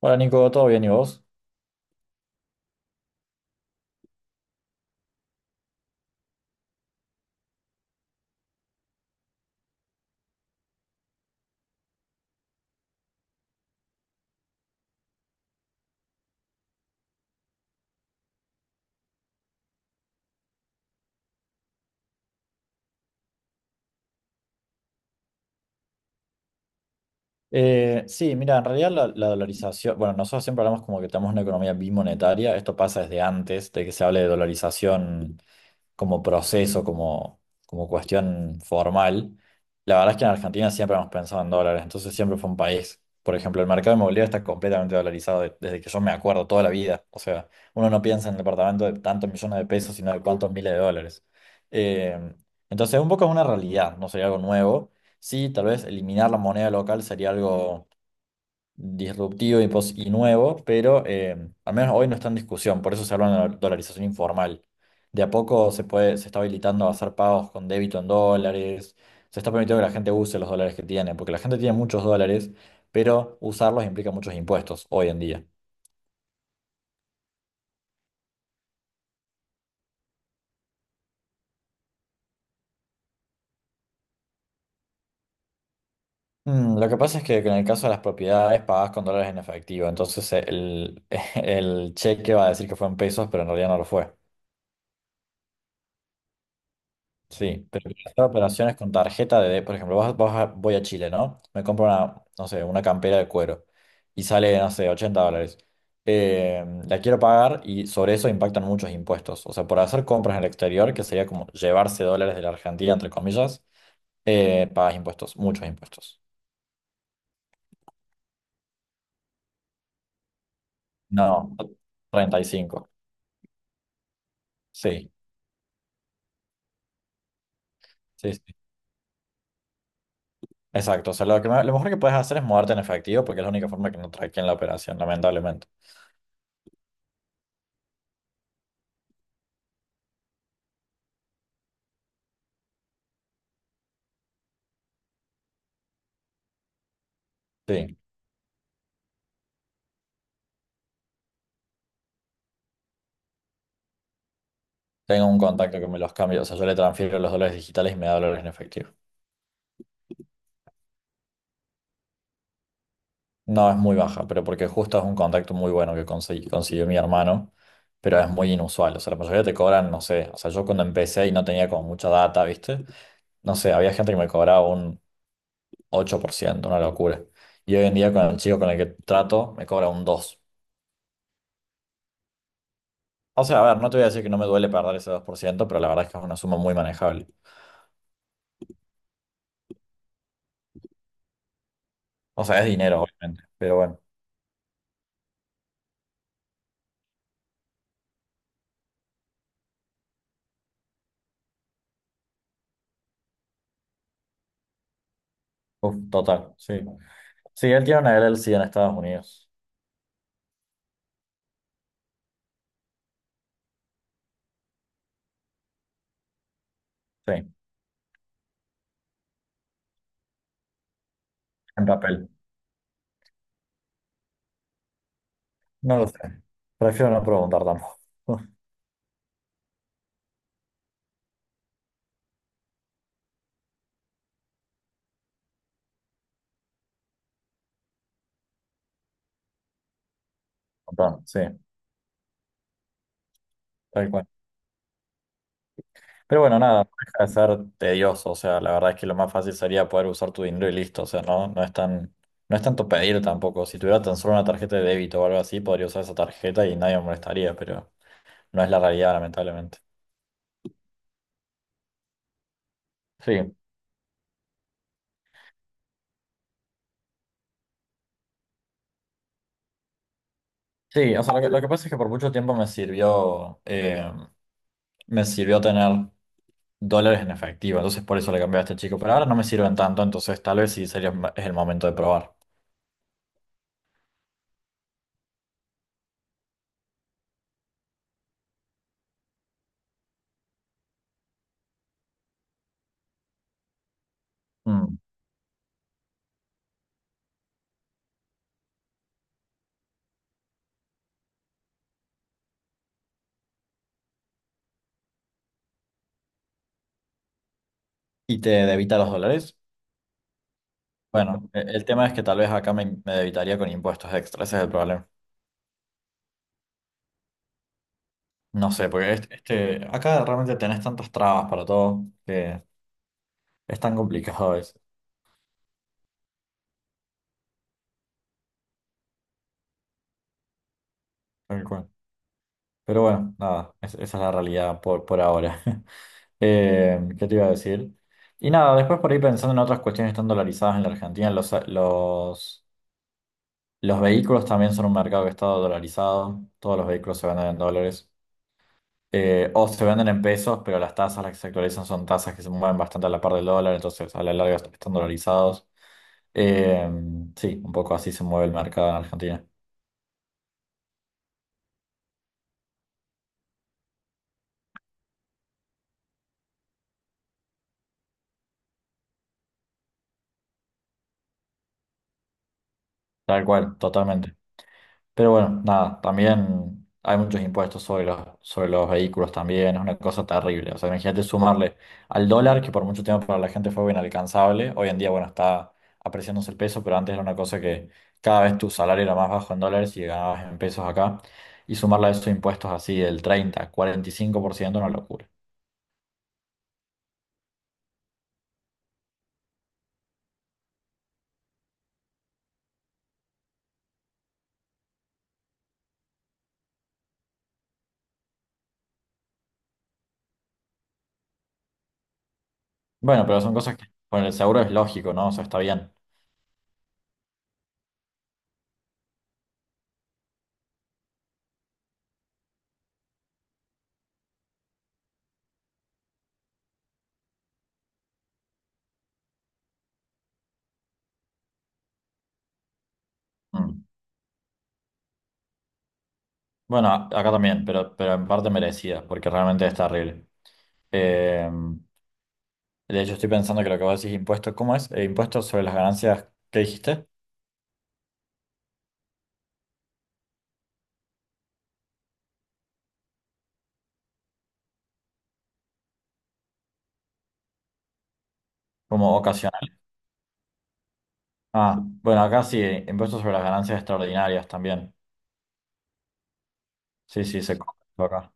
Hola Nico, ¿todo bien y vos? Sí, mira, en realidad la dolarización, bueno, nosotros siempre hablamos como que tenemos una economía bimonetaria. Esto pasa desde antes de que se hable de dolarización como proceso, como cuestión formal. La verdad es que en Argentina siempre hemos pensado en dólares, entonces siempre fue un país. Por ejemplo, el mercado inmobiliario está completamente dolarizado desde que yo me acuerdo toda la vida. O sea, uno no piensa en el departamento de tantos millones de pesos, sino de cuántos miles de dólares. Eh, entonces, un poco es una realidad, no sería algo nuevo. Sí, tal vez eliminar la moneda local sería algo disruptivo y, y nuevo, pero al menos hoy no está en discusión, por eso se habla de la dolarización informal. De a poco se puede, se está habilitando a hacer pagos con débito en dólares, se está permitiendo que la gente use los dólares que tiene, porque la gente tiene muchos dólares, pero usarlos implica muchos impuestos hoy en día. Mm, lo que pasa es que en el caso de las propiedades pagás con dólares en efectivo, entonces el, el cheque va a decir que fue en pesos, pero en realidad no lo fue. Sí, pero quiero hacer operaciones con tarjeta de, por ejemplo, voy a Chile, ¿no? Me compro una, no sé, una campera de cuero y sale, no sé, $80. La quiero pagar y sobre eso impactan muchos impuestos. O sea, por hacer compras en el exterior, que sería como llevarse dólares de la Argentina, entre comillas, pagas impuestos, muchos impuestos. No, 35. Sí, sí, sí. Exacto. O sea, lo que, lo mejor que puedes hacer es moverte en efectivo porque es la única forma que no traqueen la operación, lamentablemente. Sí. Tengo un contacto que me los cambia, o sea, yo le transfiero los dólares digitales y me da dólares en efectivo. No es muy baja, pero porque justo es un contacto muy bueno que consiguió mi hermano, pero es muy inusual. O sea, la mayoría te cobran, no sé, o sea, yo cuando empecé y no tenía como mucha data, ¿viste? No sé, había gente que me cobraba un 8%, una locura. Y hoy en día con el chico con el que trato, me cobra un 2%. O sea, a ver, no te voy a decir que no me duele perder ese 2%, pero la verdad es que es una suma muy manejable. O sea, es dinero, obviamente, pero bueno, uf, total, sí. Sí, él tiene una LLC en Estados Unidos. Sí, en papel. No lo sé. Prefiero no preguntar tampoco. Un Sí, tal cual. Pero bueno, nada, no deja de ser tedioso. O sea, la verdad es que lo más fácil sería poder usar tu dinero y listo. O sea, no, no es tanto pedir tampoco. Si tuviera tan solo una tarjeta de débito o algo así, podría usar esa tarjeta y nadie me molestaría, pero no es la realidad, lamentablemente. Sí, sí, o sea, lo que pasa es que por mucho tiempo me sirvió tener dólares en efectivo. Entonces por eso le cambié a este chico. Pero ahora no me sirven tanto, entonces tal vez sí sería es el momento de probar. Mm. ¿Y te debita los dólares? Bueno, el tema es que tal vez acá me debitaría con impuestos extra, ese es el problema. No sé, porque acá realmente tenés tantas trabas para todo que es tan complicado a veces, tal cual. Pero bueno, nada, esa es la realidad por, ahora. ¿Qué te iba a decir? Y nada, después por ahí pensando en otras cuestiones tan dolarizadas en la Argentina. Los vehículos también son un mercado que está dolarizado, todos los vehículos se venden en dólares o se venden en pesos, pero las tasas las que se actualizan son tasas que se mueven bastante a la par del dólar, entonces a la larga están dolarizados. Eh, sí, un poco así se mueve el mercado en Argentina. Tal cual, totalmente. Pero bueno, nada, también hay muchos impuestos sobre los vehículos también, es una cosa terrible. O sea, imagínate sumarle al dólar, que por mucho tiempo para la gente fue inalcanzable. Hoy en día, bueno, está apreciándose el peso, pero antes era una cosa que cada vez tu salario era más bajo en dólares y ganabas en pesos acá. Y sumarle a esos impuestos así del 30, 45% una locura. Bueno, pero son cosas que con el seguro es lógico, ¿no? O sea, está bien. Mm. Bueno, acá también, pero en parte merecida, porque realmente es terrible. Eh, De hecho, estoy pensando que lo que vos decís impuestos, ¿cómo es? Impuestos sobre las ganancias, ¿qué dijiste? Como ocasional. Ah, bueno, acá sí, impuestos sobre las ganancias extraordinarias también. Sí, sí, se cobra eso acá.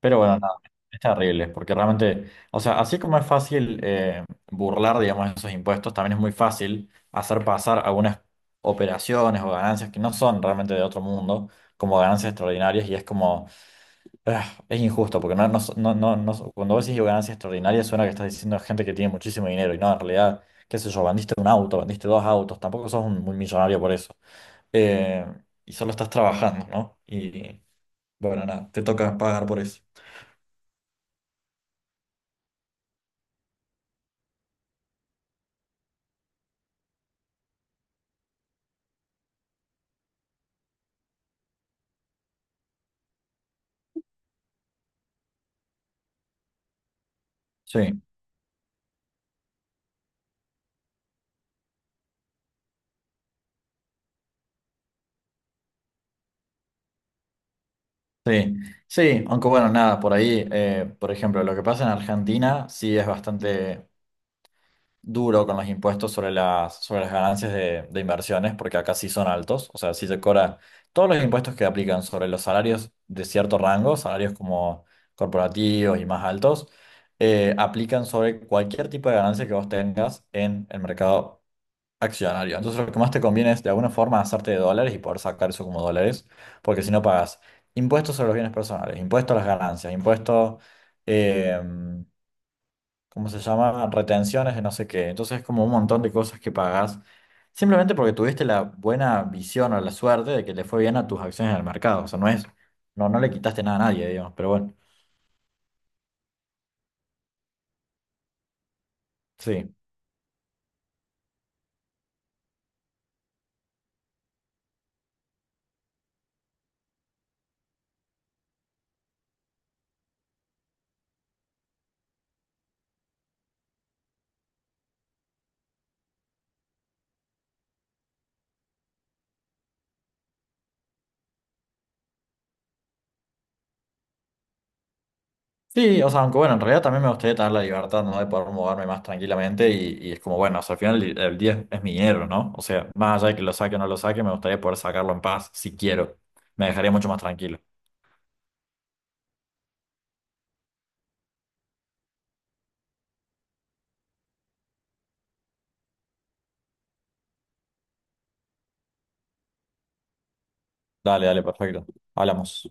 Pero bueno, nada, es terrible, porque realmente, o sea, así como es fácil burlar, digamos, esos impuestos, también es muy fácil hacer pasar algunas operaciones o ganancias que no son realmente de otro mundo como ganancias extraordinarias y es como. Ah, es injusto, porque no, no, no, no, cuando vos decís digo, ganancia extraordinaria suena que estás diciendo gente que tiene muchísimo dinero y no, en realidad, qué sé yo, vendiste un auto, vendiste dos autos, tampoco sos un, millonario por eso. Eh, y solo estás trabajando, ¿no? Y bueno, nada, te toca pagar por eso. Sí, sí, sí, aunque bueno, nada, por ahí, por ejemplo, lo que pasa en Argentina sí es bastante... duro con los impuestos sobre las, ganancias de inversiones, porque acá sí son altos, o sea, sí se cobra todos los impuestos que aplican sobre los salarios de cierto rango, salarios como corporativos y más altos, aplican sobre cualquier tipo de ganancia que vos tengas en el mercado accionario. Entonces lo que más te conviene es de alguna forma hacerte de dólares y poder sacar eso como dólares, porque si no pagas impuestos sobre los bienes personales, impuestos a las ganancias, impuestos... eh, ¿cómo se llama? Retenciones de no sé qué. Entonces es como un montón de cosas que pagás simplemente porque tuviste la buena visión o la suerte de que le fue bien a tus acciones en el mercado. O sea, no es, no, no le quitaste nada a nadie, digamos, pero bueno, sí. Sí, o sea, aunque bueno, en realidad también me gustaría tener la libertad, ¿no? De poder moverme más tranquilamente y es como, bueno, o sea, al final el día es mi dinero, ¿no? O sea, más allá de que lo saque o no lo saque, me gustaría poder sacarlo en paz, si quiero. Me dejaría mucho más tranquilo. Dale, dale, perfecto. Hablamos.